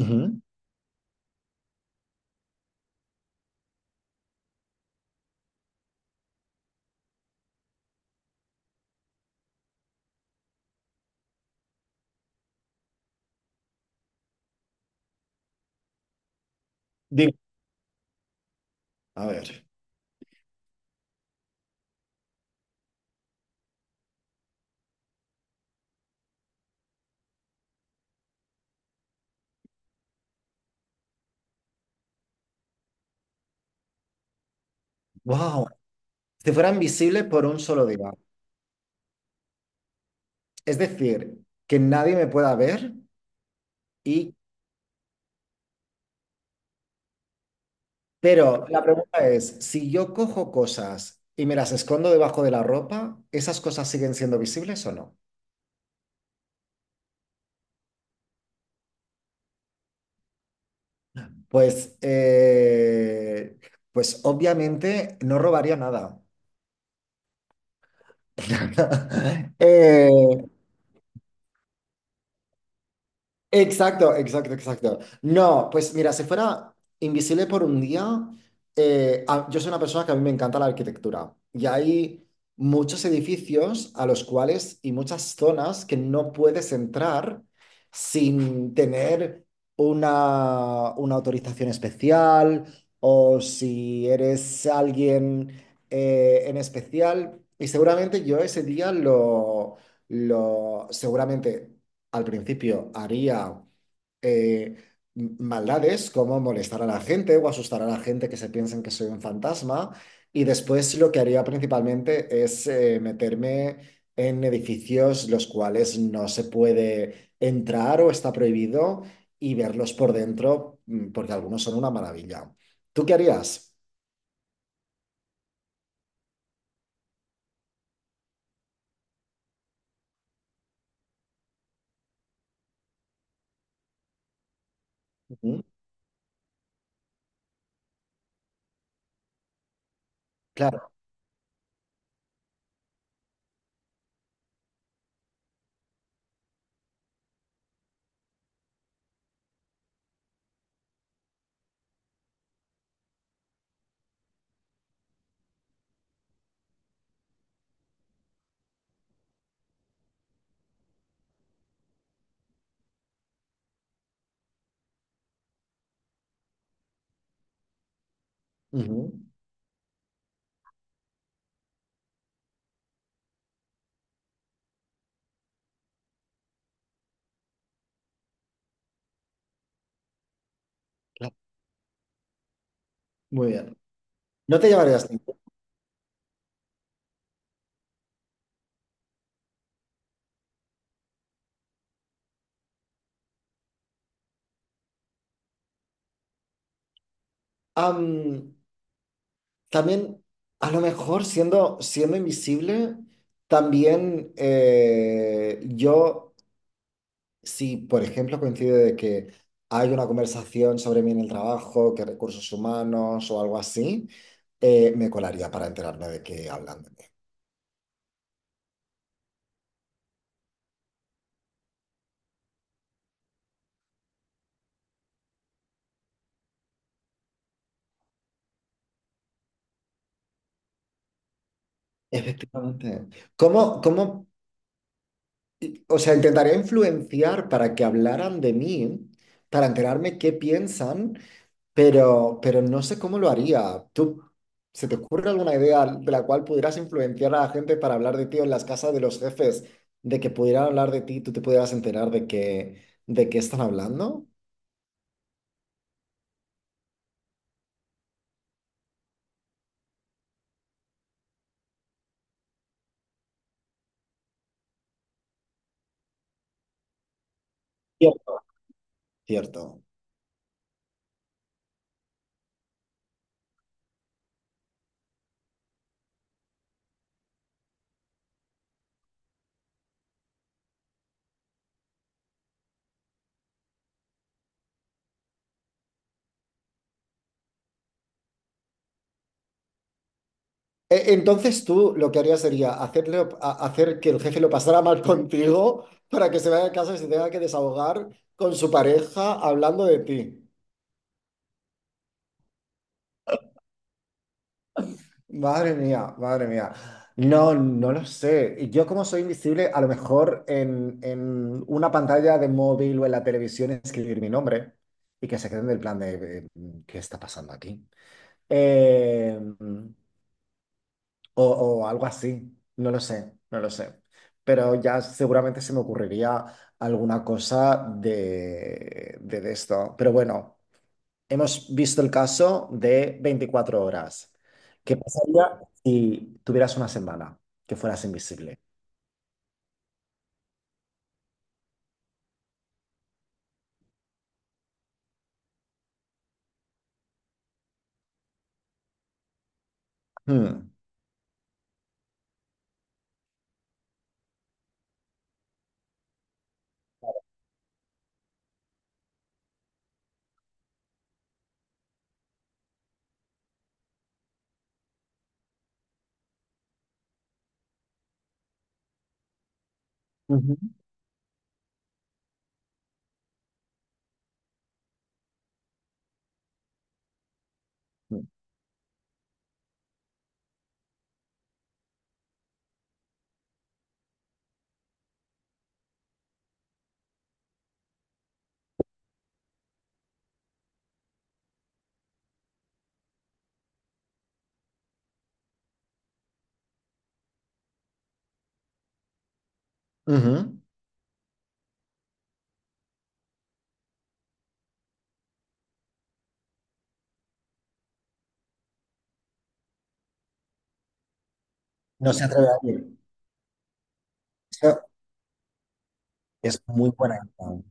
Ujú. Digo, a ver, wow, si fuera invisible por un solo día, es decir, que nadie me pueda ver y, pero la pregunta es, si yo cojo cosas y me las escondo debajo de la ropa, ¿esas cosas siguen siendo visibles o no? Pues, eh, pues, obviamente no robaría nada. Eh, Exacto, exacto, exacto. No, pues mira, si fuera invisible por un día, yo soy una persona que a mí me encanta la arquitectura y hay muchos edificios a los cuales y muchas zonas que no puedes entrar sin tener una autorización especial o si eres alguien en especial. Y seguramente yo ese día lo seguramente al principio haría eh, maldades como molestar a la gente o asustar a la gente que se piensen que soy un fantasma. Y después lo que haría principalmente es meterme en edificios los cuales no se puede entrar o está prohibido y verlos por dentro, porque algunos son una maravilla. ¿Tú qué harías? Ujú. Claro. Ujú. Claro. Muy bien. No te llevarías ningún-. Am, También, a lo mejor siendo, invisible, también si por ejemplo coincide de que hay una conversación sobre mí en el trabajo, que recursos humanos o algo así, me colaría para enterarme de que hablan de mí. Efectivamente. ¿Cómo, cómo, o sea, intentaría influenciar para que hablaran de mí, para enterarme qué piensan. Pero no sé cómo lo haría. ¿Tú se te ocurre alguna idea de la cual pudieras influenciar a la gente para hablar de ti en las casas de los jefes, de que pudieran hablar de ti, y tú te pudieras enterar de qué están hablando? Cierto. Cierto. Entonces tú lo que harías sería hacer que el jefe lo pasara mal contigo para que se vaya a casa y se tenga que desahogar con su pareja hablando de ti. Madre mía, madre mía. No, no lo sé. Yo como soy invisible, a lo mejor en una pantalla de móvil o en la televisión escribir mi nombre y que se queden del plan de ¿qué está pasando aquí? Eh, o, o algo así. No lo sé, no lo sé. Pero ya seguramente se me ocurriría alguna cosa de esto. Pero bueno. Hemos visto el caso de 24 horas. ¿Qué pasaría si tuvieras una semana que fueras invisible? Hmm. Ujú. Ujú. No se atreve a ir. Eso es muy buena idea.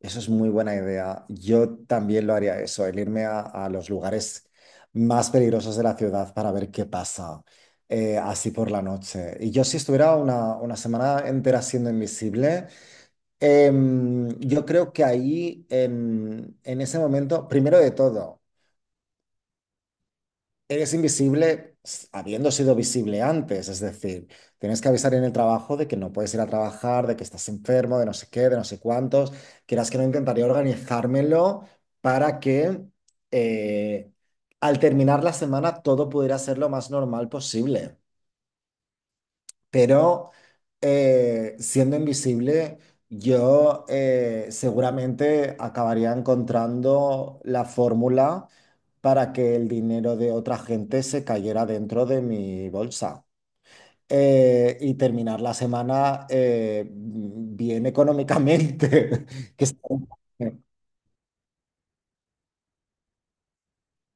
Eso es muy buena idea. Yo también lo haría eso, el irme a los lugares más peligrosos de la ciudad para ver qué pasa, así por la noche. Y yo si estuviera una semana entera siendo invisible, yo creo que ahí, en ese momento, primero de todo, eres invisible habiendo sido visible antes, es decir, tienes que avisar en el trabajo de que no puedes ir a trabajar, de que estás enfermo, de no sé qué, de no sé cuántos. Quieras que no, intentaría organizármelo para que eh, al terminar la semana todo pudiera ser lo más normal posible. Pero siendo invisible, yo seguramente acabaría encontrando la fórmula para que el dinero de otra gente se cayera dentro de mi bolsa. Y terminar la semana bien económicamente. que sea-.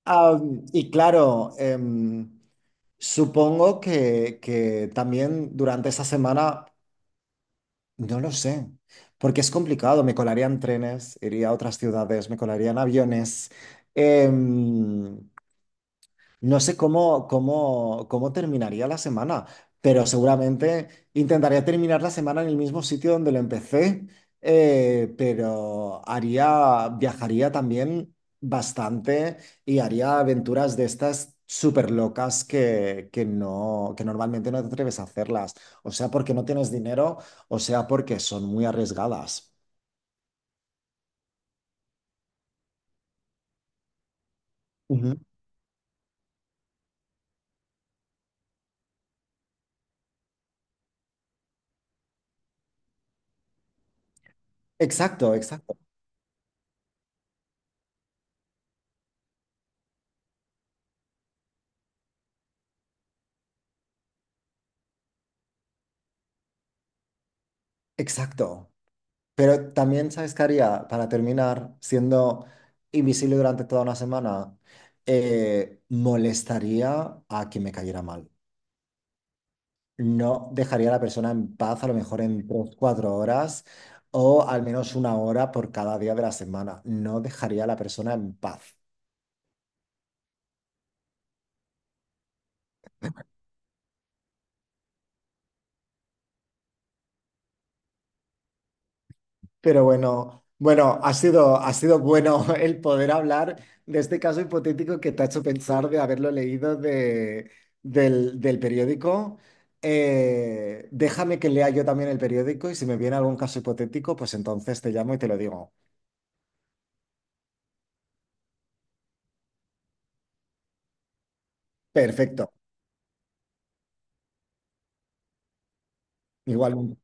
Ah, y claro, supongo que también durante esa semana no lo sé, porque es complicado. Me colarían trenes, iría a otras ciudades, me colarían aviones. Em, no sé cómo terminaría la semana, pero seguramente intentaría terminar la semana en el mismo sitio donde lo empecé, pero viajaría también bastante y haría aventuras de estas súper locas que no, que normalmente no te atreves a hacerlas, o sea porque no tienes dinero, o sea porque son muy arriesgadas. Ujú. Exacto, exacto, exacto. Pero también, ¿sabes qué haría? Para terminar, siendo invisible durante toda una semana, molestaría a quien me cayera mal. No dejaría a la persona en paz a lo mejor en 3, 4 horas o al menos una hora por cada día de la semana. No dejaría a la persona en paz. Pero bueno, bueno, ha sido bueno el poder hablar de este caso hipotético que te ha hecho pensar de haberlo leído del periódico. Déjame que lea yo también el periódico y si me viene algún caso hipotético, pues entonces te llamo y te lo digo. Perfecto. Igual.